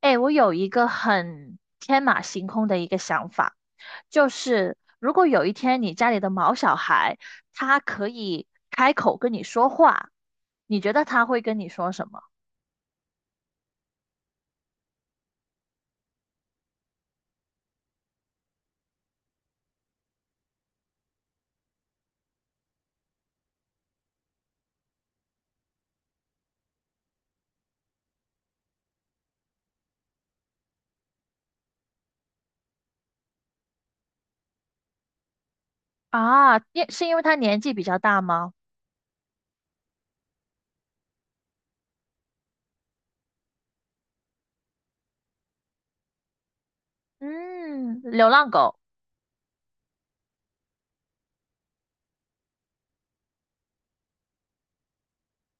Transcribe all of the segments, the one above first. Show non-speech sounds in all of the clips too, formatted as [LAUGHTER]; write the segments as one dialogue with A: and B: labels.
A: 哎，我有一个很天马行空的一个想法，就是如果有一天你家里的毛小孩，他可以开口跟你说话，你觉得他会跟你说什么？啊，因为他年纪比较大吗？嗯，流浪狗。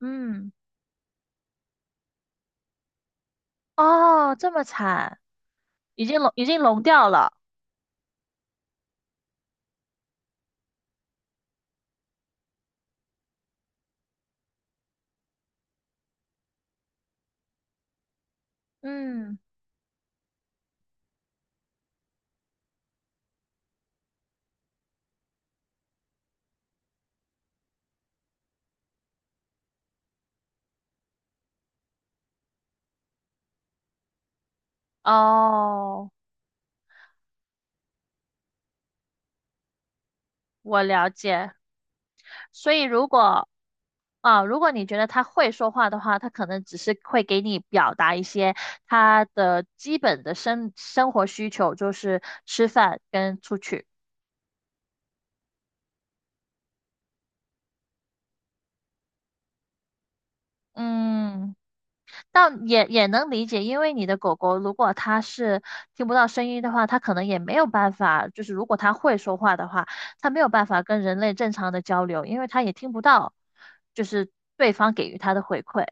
A: 嗯，哦，这么惨，已经聋掉了。嗯，哦，我了解。所以如果你觉得他会说话的话，他可能只是会给你表达一些他的基本的生活需求，就是吃饭跟出去。嗯，但也能理解，因为你的狗狗如果它是听不到声音的话，它可能也没有办法，就是如果它会说话的话，它没有办法跟人类正常的交流，因为它也听不到，就是对方给予它的回馈。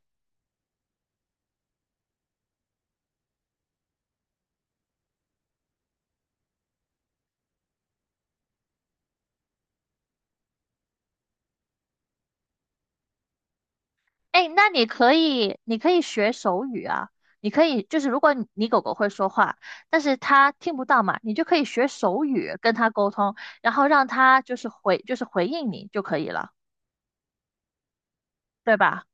A: 哎，那你可以，你可以学手语啊。你可以，就是如果你狗狗会说话，但是它听不到嘛，你就可以学手语跟它沟通，然后让它就是回应你就可以了，对吧？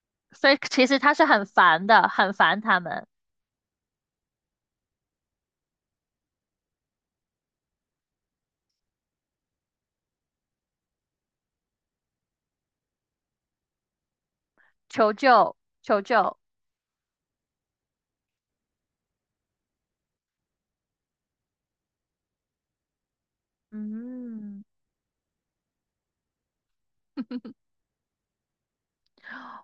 A: [LAUGHS] 所以其实它是很烦的，很烦它们，求救，求救。嗯。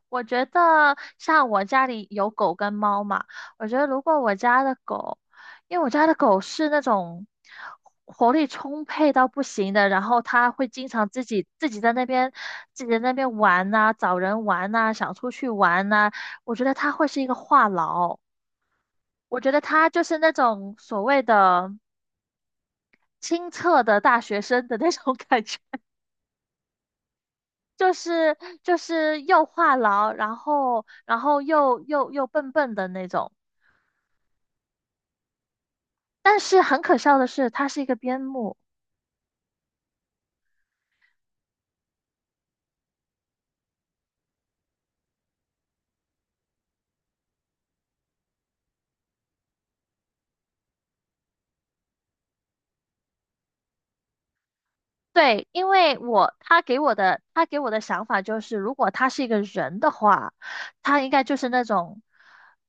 A: 我觉得像我家里有狗跟猫嘛，我觉得如果我家的狗，因为我家的狗是那种活力充沛到不行的，然后它会经常自己在那边玩呐、找人玩呐、想出去玩呐、我觉得它会是一个话痨，我觉得它就是那种所谓的清澈的大学生的那种 [LAUGHS] 感觉。就是又话痨，然后又笨笨的那种。但是很可笑的是，他是一个边牧。对，因为他给我的想法就是，如果他是一个人的话，他应该就是那种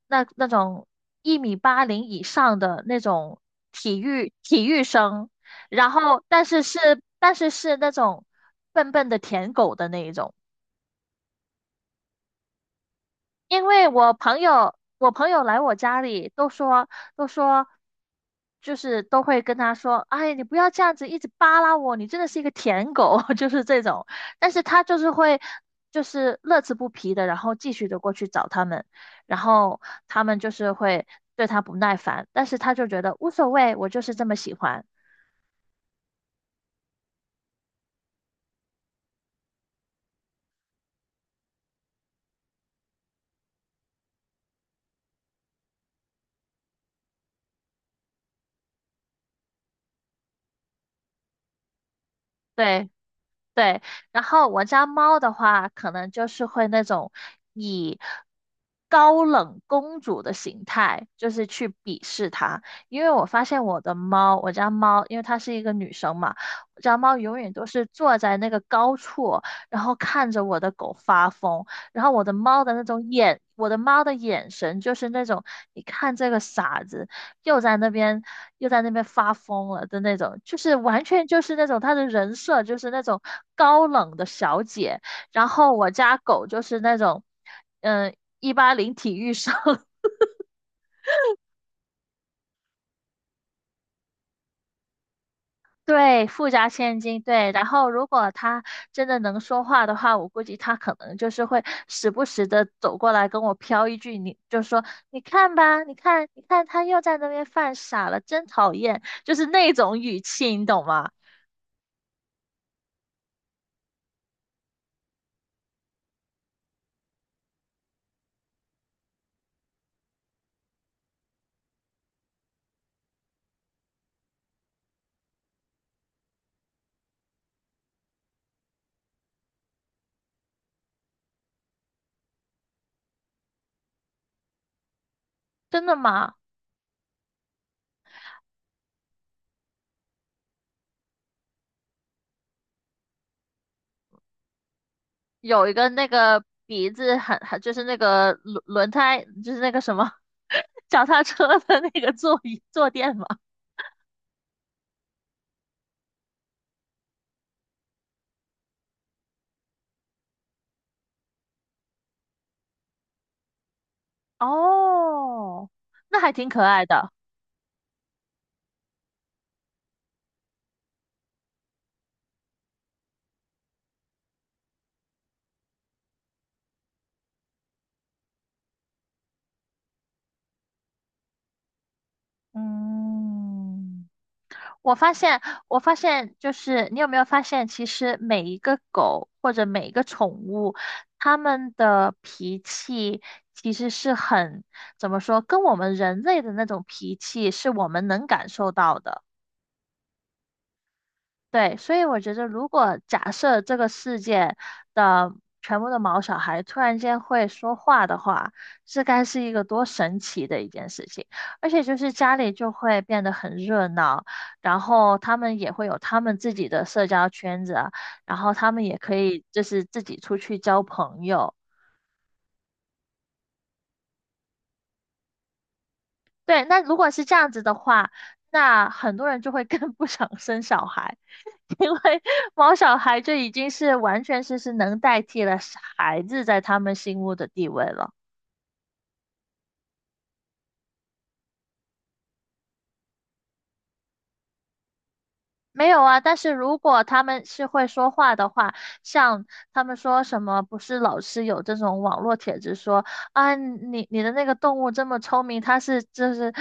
A: 那种一米八零以上的那种体育生，然后但是是那种笨笨的舔狗的那一种。因为我朋友来我家里都说，都说，就是都会跟他说，哎，你不要这样子一直扒拉我，你真的是一个舔狗，[LAUGHS] 就是这种。但是他就是会，就是乐此不疲的，然后继续的过去找他们，然后他们就是会对他不耐烦，但是他就觉得无所谓，我就是这么喜欢。对，对，然后我家猫的话，可能就是会那种以高冷公主的形态，就是去鄙视它。因为我发现我家猫，因为它是一个女生嘛，我家猫永远都是坐在那个高处，然后看着我的狗发疯。然后我的猫的眼神就是那种，你看这个傻子，又在那边又在那边发疯了的那种，就是完全就是那种他的人设就是那种高冷的小姐，然后我家狗就是那种，嗯、180体育生。[LAUGHS] 对，富家千金，对。然后，如果他真的能说话的话，我估计他可能就是会时不时的走过来跟我飘一句，你就说，你看吧，你看，你看，他又在那边犯傻了，真讨厌，就是那种语气，你懂吗？真的吗？有一个那个鼻子很就是那个轮胎就是那个什么 [LAUGHS] 脚踏车的那个座椅坐垫嘛，哦，那还挺可爱的。嗯，我发现，我发现就是你有没有发现，其实每一个狗或者每一个宠物，它们的脾气其实是很，怎么说，跟我们人类的那种脾气是我们能感受到的。对，所以我觉得，如果假设这个世界的全部的毛小孩突然间会说话的话，这该是一个多神奇的一件事情。而且就是家里就会变得很热闹，然后他们也会有他们自己的社交圈子啊然后他们也可以就是自己出去交朋友。对，那如果是这样子的话，那很多人就会更 [LAUGHS] 不想生小孩。[LAUGHS] 因为毛小孩就已经是完全是能代替了孩子在他们心目的地位了。没有啊，但是如果他们是会说话的话，像他们说什么，不是老是有这种网络帖子说啊，你的那个动物这么聪明，它就是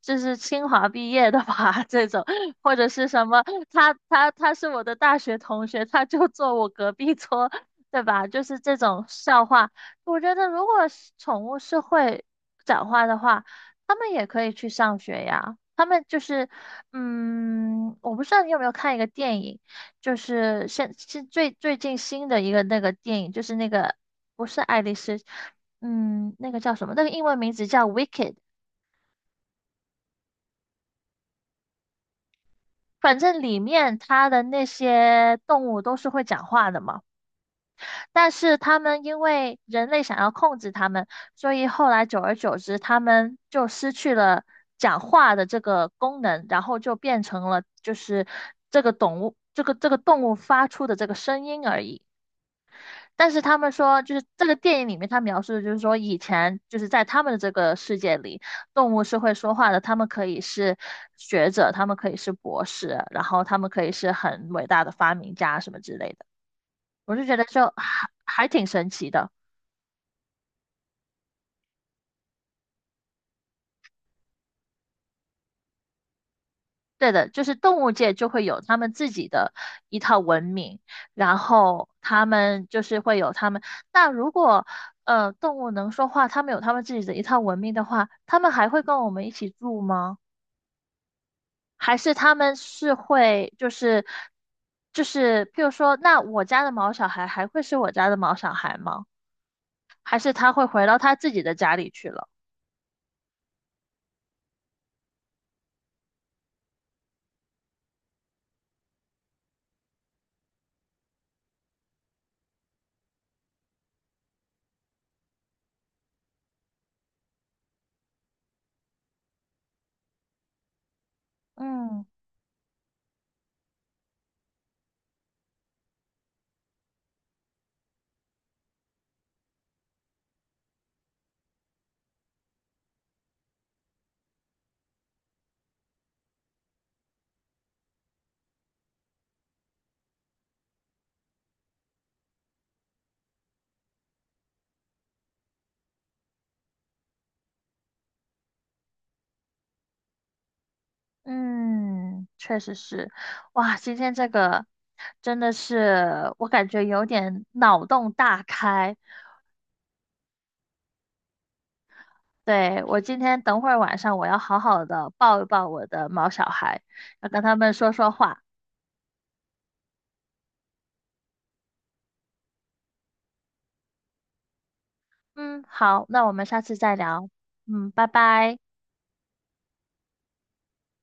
A: 就是清华毕业的吧？[LAUGHS] 这种，或者是什么，他是我的大学同学，他就坐我隔壁桌，对吧？就是这种笑话，我觉得如果是宠物是会讲话的话。他们也可以去上学呀。他们就是，嗯，我不知道你有没有看一个电影，就是现是最最近新的一个那个电影，就是那个不是爱丽丝，嗯，那个叫什么？那个英文名字叫《Wicked》，反正里面它的那些动物都是会讲话的嘛。但是他们因为人类想要控制他们，所以后来久而久之，他们就失去了讲话的这个功能，然后就变成了就是这个动物这个动物发出的这个声音而已。但是他们说，就是这个电影里面他描述的就是说，以前就是在他们的这个世界里，动物是会说话的，他们可以是学者，他们可以是博士，然后他们可以是很伟大的发明家什么之类的。我就觉得就还挺神奇的。对的，就是动物界就会有他们自己的一套文明，然后他们就是会有他们。那如果动物能说话，他们有他们自己的一套文明的话，他们还会跟我们一起住吗？还是他们是会就是就是譬如说，那我家的毛小孩还会是我家的毛小孩吗？还是他会回到他自己的家里去了？嗯。嗯，确实是，哇，今天这个真的是我感觉有点脑洞大开。对，我今天等会儿晚上我要好好的抱一抱我的毛小孩，要跟他们说说话。嗯，好，那我们下次再聊。嗯，拜拜。